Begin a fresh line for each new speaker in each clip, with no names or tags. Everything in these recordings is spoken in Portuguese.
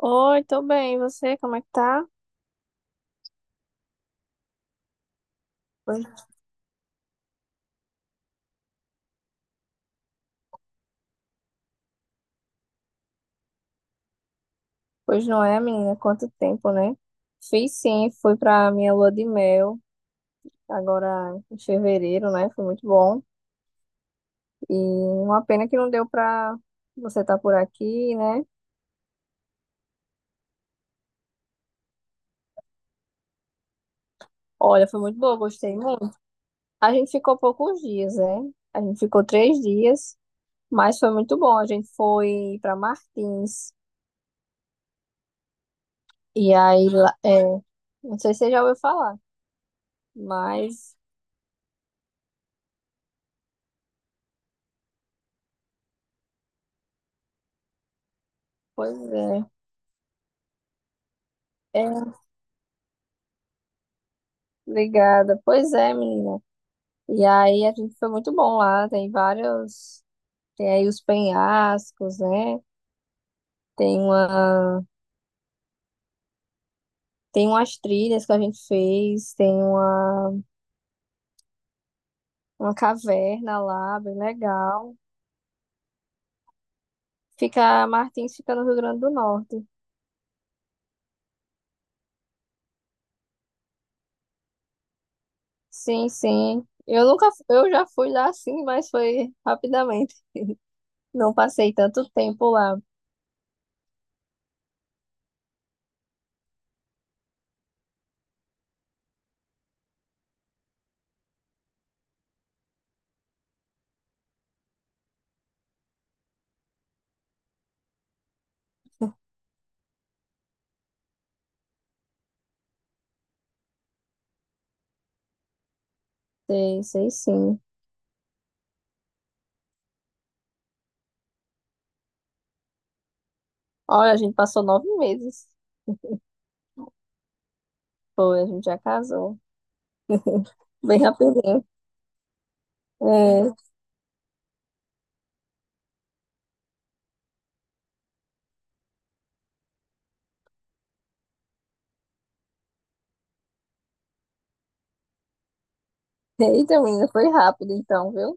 Oi, tô bem. E você, como é que tá? Pois pois não é, menina? Quanto tempo, né? Fiz sim, fui pra minha lua de mel, agora em fevereiro, né? Foi muito bom. E uma pena que não deu pra você estar por aqui, né? Olha, foi muito boa, gostei muito. A gente ficou poucos dias, né? A gente ficou 3 dias, mas foi muito bom. A gente foi pra Martins. E aí, não sei se você já ouviu falar, mas, pois é. É, Obrigada. Pois é, menina. E aí a gente foi muito bom lá. Tem vários. Tem aí os penhascos, né? Tem uma, tem umas trilhas que a gente fez, tem uma caverna lá, bem legal. Fica, Martins fica no Rio Grande do Norte. Sim, sim. Eu nunca, eu já fui lá sim, mas foi rapidamente. Não passei tanto tempo lá. Sei, sei sim. Olha, a gente passou 9 meses. Foi, a gente já casou. Bem rapidinho. É, eita, menina, foi rápido então, viu?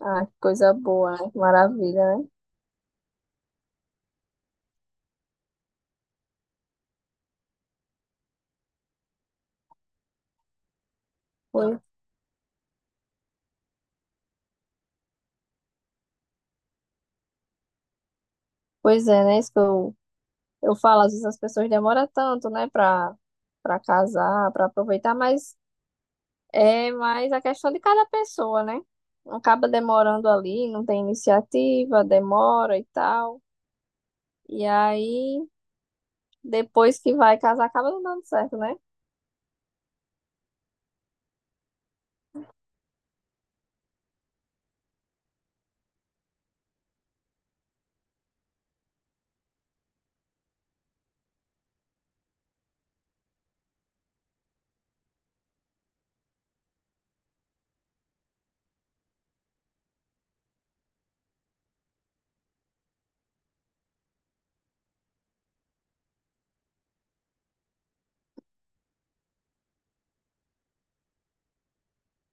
Ah, que coisa boa, né? Que maravilha, né? Foi- Pois é, né? Eu falo, às vezes as pessoas demoram tanto, né, pra casar, pra aproveitar, mas é mais a questão de cada pessoa, né? Acaba demorando ali, não tem iniciativa, demora e tal. E aí, depois que vai casar, acaba não dando certo, né?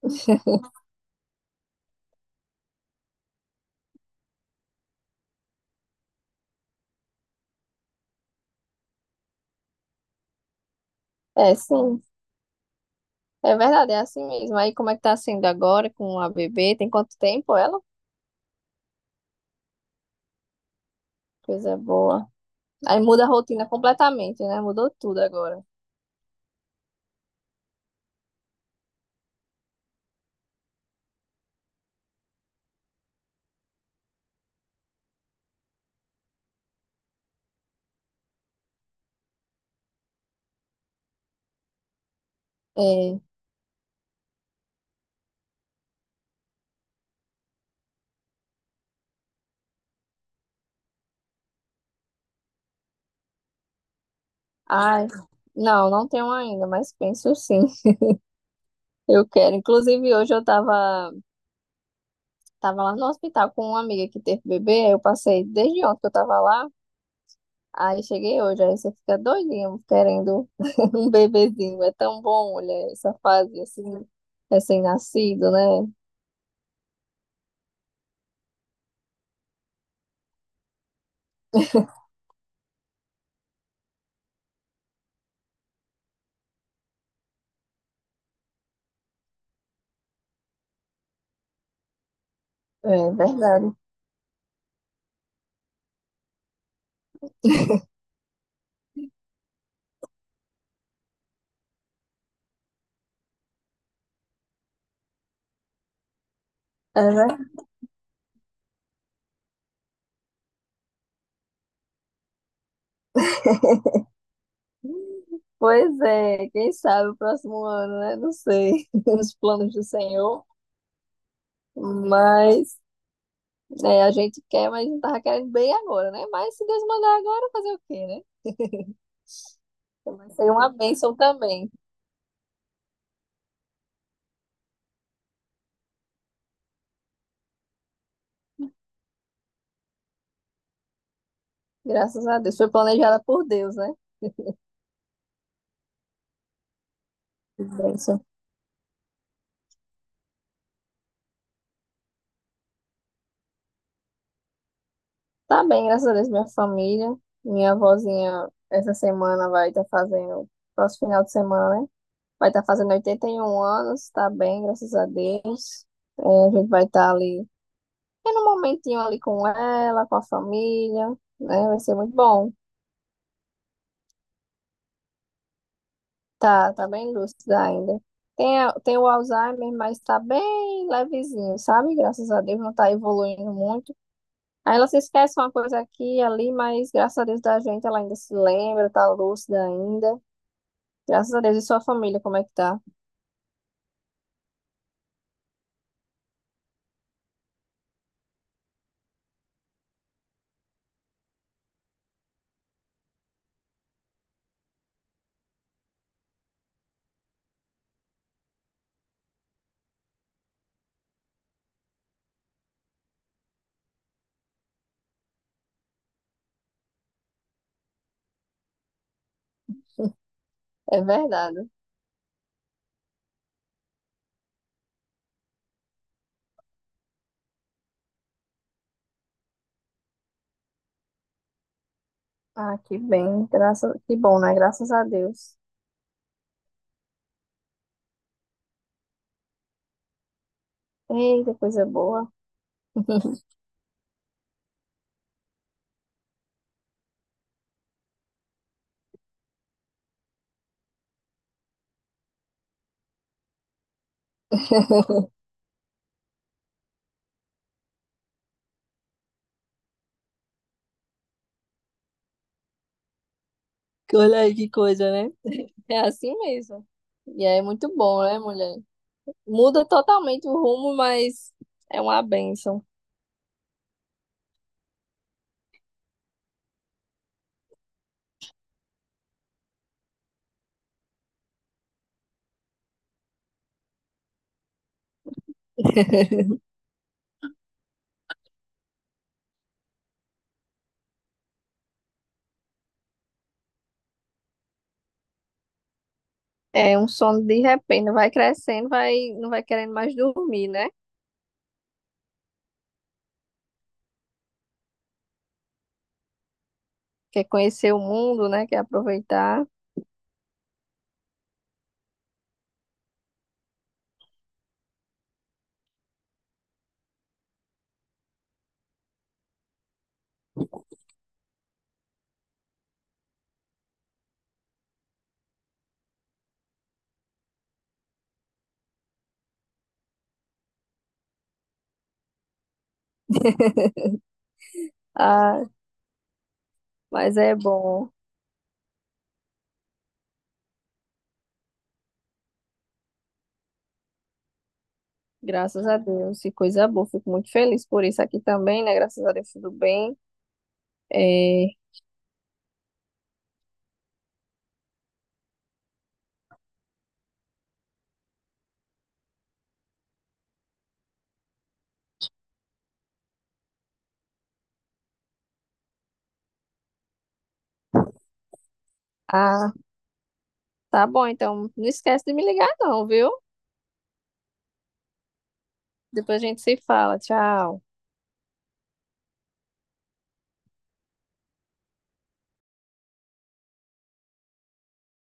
É, sim. É verdade, é assim mesmo. Aí, como é que tá sendo agora com a bebê? Tem quanto tempo ela? Coisa boa. Aí muda a rotina completamente, né? Mudou tudo agora. É. Ai, não, não tenho ainda, mas penso sim. Eu quero. Inclusive, tava lá no hospital com uma amiga que teve bebê. Aí eu passei desde ontem que eu tava lá. Aí cheguei hoje. Aí você fica doidinho querendo um bebezinho. É tão bom, olha, essa fase assim, recém-nascido, né? É verdade. É verdade. Pois é, quem sabe o próximo ano, né? Não sei, os planos do Senhor, mas é, a gente quer, mas não tava querendo bem agora, né? Mas se Deus mandar agora, fazer o quê, né? Então, vai ser uma bênção também, graças a Deus. Foi planejada por Deus, né? Que bênção. Tá bem, graças a Deus, minha família, minha avózinha, essa semana vai estar fazendo, próximo final de semana, né? Vai estar fazendo 81 anos, tá bem, graças a Deus. É, a gente vai estar ali É no momentinho ali com ela, com a família, né? Vai ser muito bom. Tá, tá bem lúcida ainda. Tem o Alzheimer, mas tá bem levezinho, sabe? Graças a Deus não tá evoluindo muito. Aí ela se esquece uma coisa aqui e ali, mas graças a Deus da gente ela ainda se lembra, tá lúcida ainda. Graças a Deus. E sua família, como é que tá? É verdade. Ah, que bem. Graças, que bom, né? Graças a Deus. Eita, coisa boa. Olha aí que coisa, né? É assim mesmo. E é muito bom, né, mulher? Muda totalmente o rumo, mas é uma bênção. É um sono de repente, vai crescendo, vai, não vai querendo mais dormir, né? Quer conhecer o mundo, né? Quer aproveitar. Ah, mas é bom, graças a Deus, que coisa boa. Fico muito feliz por isso aqui também, né? Graças a Deus, tudo bem. É, ah, tá bom, então não esquece de me ligar, não, viu? Depois a gente se fala. Tchau.